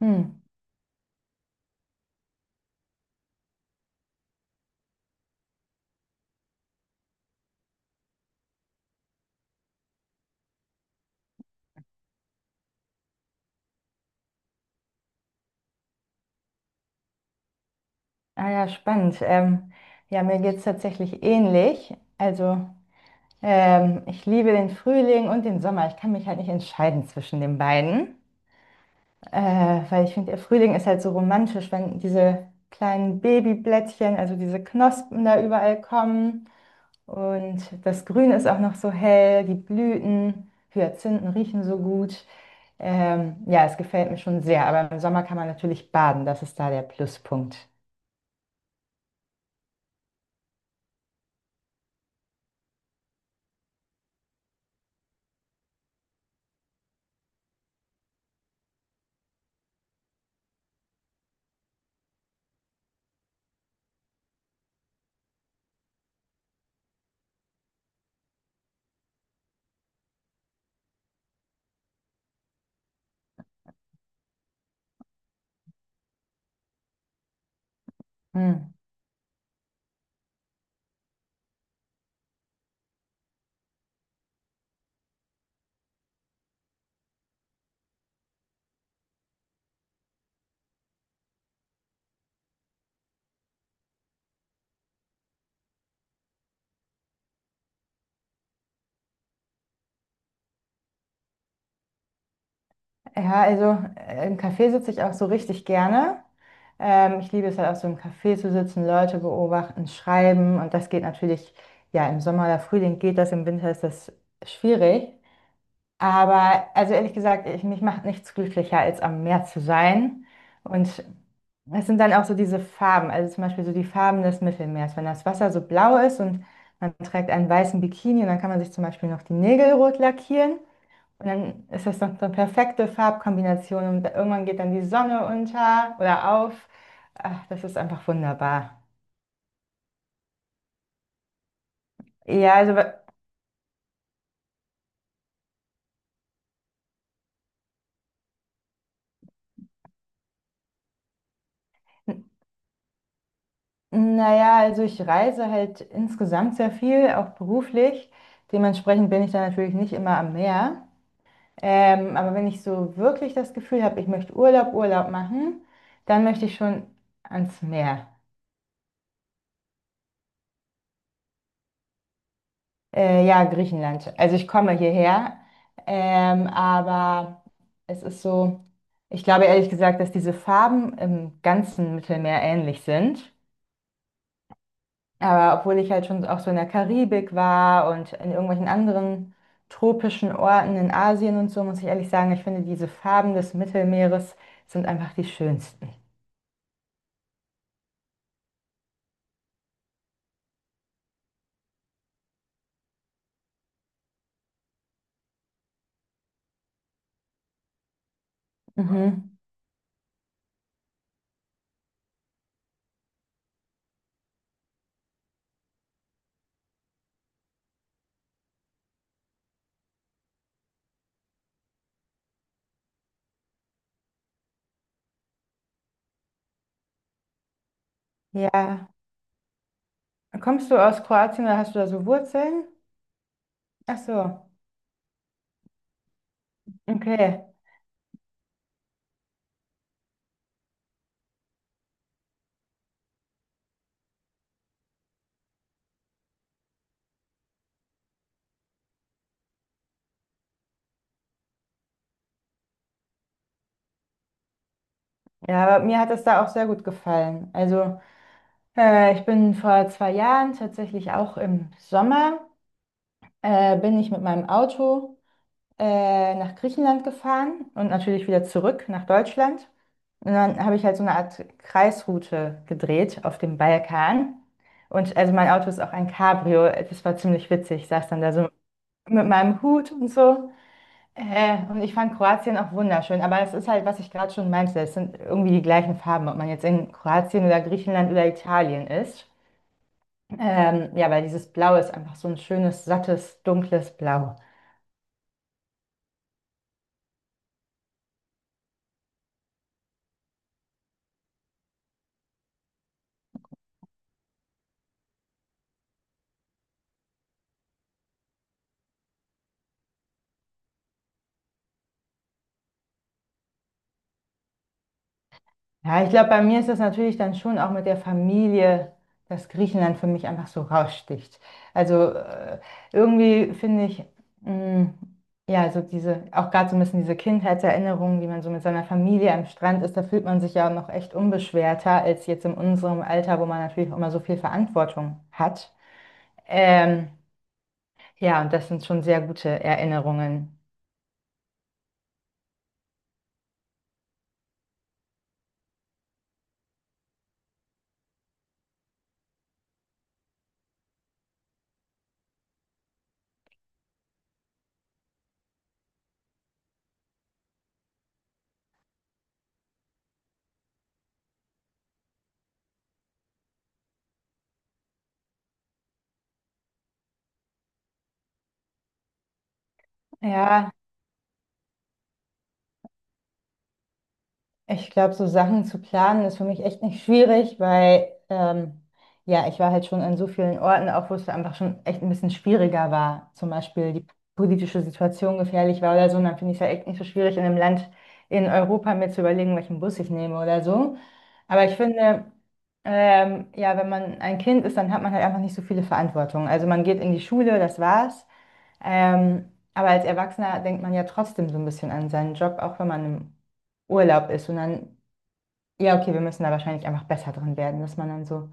Hm. Ah ja, spannend. Ja, mir geht es tatsächlich ähnlich. Also ich liebe den Frühling und den Sommer. Ich kann mich halt nicht entscheiden zwischen den beiden, äh, weil ich finde, der Frühling ist halt so romantisch, wenn diese kleinen Babyblättchen, also diese Knospen da überall kommen. Und das Grün ist auch noch so hell, die Blüten, Hyazinthen riechen so gut. Ja, es gefällt mir schon sehr, aber im Sommer kann man natürlich baden, das ist da der Pluspunkt. Hm. Ja, also im Café sitze ich auch so richtig gerne. Ich liebe es halt auch so im Café zu sitzen, Leute beobachten, schreiben. Und das geht natürlich, ja, im Sommer oder Frühling geht das, im Winter ist das schwierig. Aber also ehrlich gesagt, mich macht nichts glücklicher, als am Meer zu sein. Und es sind dann auch so diese Farben, also zum Beispiel so die Farben des Mittelmeers. Wenn das Wasser so blau ist und man trägt einen weißen Bikini, und dann kann man sich zum Beispiel noch die Nägel rot lackieren. Und dann ist das noch so eine perfekte Farbkombination und irgendwann geht dann die Sonne unter oder auf. Ach, das ist einfach wunderbar. Ja, also, n- naja, also ich reise halt insgesamt sehr viel, auch beruflich. Dementsprechend bin ich da natürlich nicht immer am Meer. Aber wenn ich so wirklich das Gefühl habe, ich möchte Urlaub machen, dann möchte ich schon ans Meer. Ja, Griechenland. Also ich komme hierher, aber es ist so, ich glaube ehrlich gesagt, dass diese Farben im ganzen Mittelmeer ähnlich sind. Aber obwohl ich halt schon auch so in der Karibik war und in irgendwelchen anderen tropischen Orten in Asien und so, muss ich ehrlich sagen, ich finde diese Farben des Mittelmeeres sind einfach die schönsten. Mhm. Ja. Kommst du aus Kroatien oder hast du da so Wurzeln? Ach so. Okay. Ja, aber mir hat es da auch sehr gut gefallen. Also ich bin vor 2 Jahren, tatsächlich auch im Sommer, bin ich mit meinem Auto nach Griechenland gefahren und natürlich wieder zurück nach Deutschland. Und dann habe ich halt so eine Art Kreisroute gedreht auf dem Balkan. Und also mein Auto ist auch ein Cabrio. Das war ziemlich witzig. Ich saß dann da so mit meinem Hut und so. Und ich fand Kroatien auch wunderschön. Aber es ist halt, was ich gerade schon meinte, es sind irgendwie die gleichen Farben, ob man jetzt in Kroatien oder Griechenland oder Italien ist. Ja, weil dieses Blau ist einfach so ein schönes, sattes, dunkles Blau. Ja, ich glaube, bei mir ist das natürlich dann schon auch mit der Familie, dass Griechenland für mich einfach so raussticht. Also irgendwie finde ich, mh, ja, so diese, auch gerade so ein bisschen diese Kindheitserinnerungen, wie man so mit seiner Familie am Strand ist, da fühlt man sich ja noch echt unbeschwerter als jetzt in unserem Alter, wo man natürlich auch immer so viel Verantwortung hat. Ähm, ja, und das sind schon sehr gute Erinnerungen. Ja, ich glaube, so Sachen zu planen ist für mich echt nicht schwierig, weil ja, ich war halt schon an so vielen Orten, auch wo es einfach schon echt ein bisschen schwieriger war. Zum Beispiel die politische Situation gefährlich war oder so. Und dann finde ich es halt echt nicht so schwierig, in einem Land in Europa mir zu überlegen, welchen Bus ich nehme oder so. Aber ich finde, ja, wenn man ein Kind ist, dann hat man halt einfach nicht so viele Verantwortung. Also man geht in die Schule, das war's. Aber als Erwachsener denkt man ja trotzdem so ein bisschen an seinen Job, auch wenn man im Urlaub ist. Und dann, ja, okay, wir müssen da wahrscheinlich einfach besser drin werden, dass man dann so,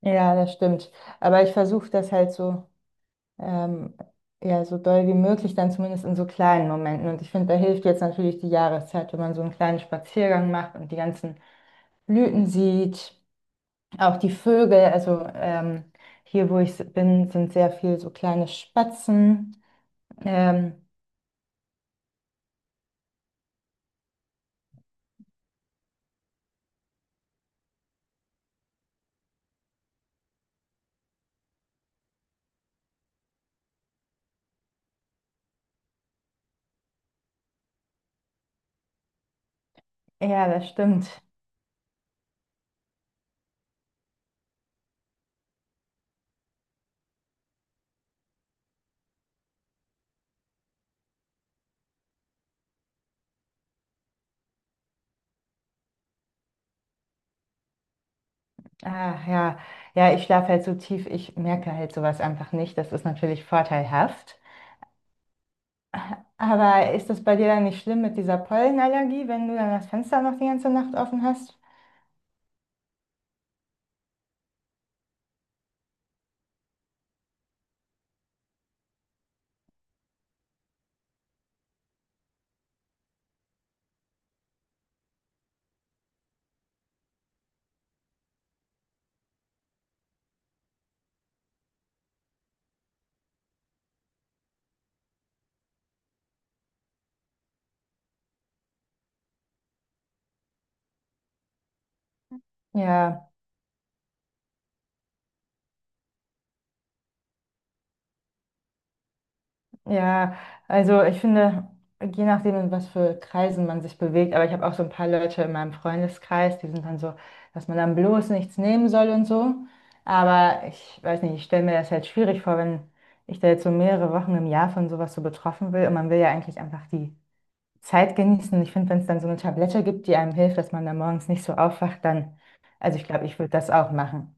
ja, das stimmt. Aber ich versuche das halt so, ähm, ja, so doll wie möglich, dann zumindest in so kleinen Momenten. Und ich finde, da hilft jetzt natürlich die Jahreszeit, wenn man so einen kleinen Spaziergang macht und die ganzen Blüten sieht, auch die Vögel. Also hier, wo bin, sind sehr viel so kleine Spatzen. Ähm, ja, das stimmt. Ah, ja, ja, ich schlafe halt so tief, ich merke halt sowas einfach nicht. Das ist natürlich vorteilhaft. Aber ist das bei dir dann nicht schlimm mit dieser Pollenallergie, wenn du dann das Fenster noch die ganze Nacht offen hast? Ja, ja, also ich finde, je nachdem, in was für Kreisen man sich bewegt, aber ich habe auch so ein paar Leute in meinem Freundeskreis, die sind dann so, dass man dann bloß nichts nehmen soll und so. Aber ich weiß nicht, ich stelle mir das halt schwierig vor, wenn ich da jetzt so mehrere Wochen im Jahr von sowas so betroffen will und man will ja eigentlich einfach die Zeit genießen. Ich finde, wenn es dann so eine Tablette gibt, die einem hilft, dass man dann morgens nicht so aufwacht, dann, also ich glaube, ich würde das auch machen.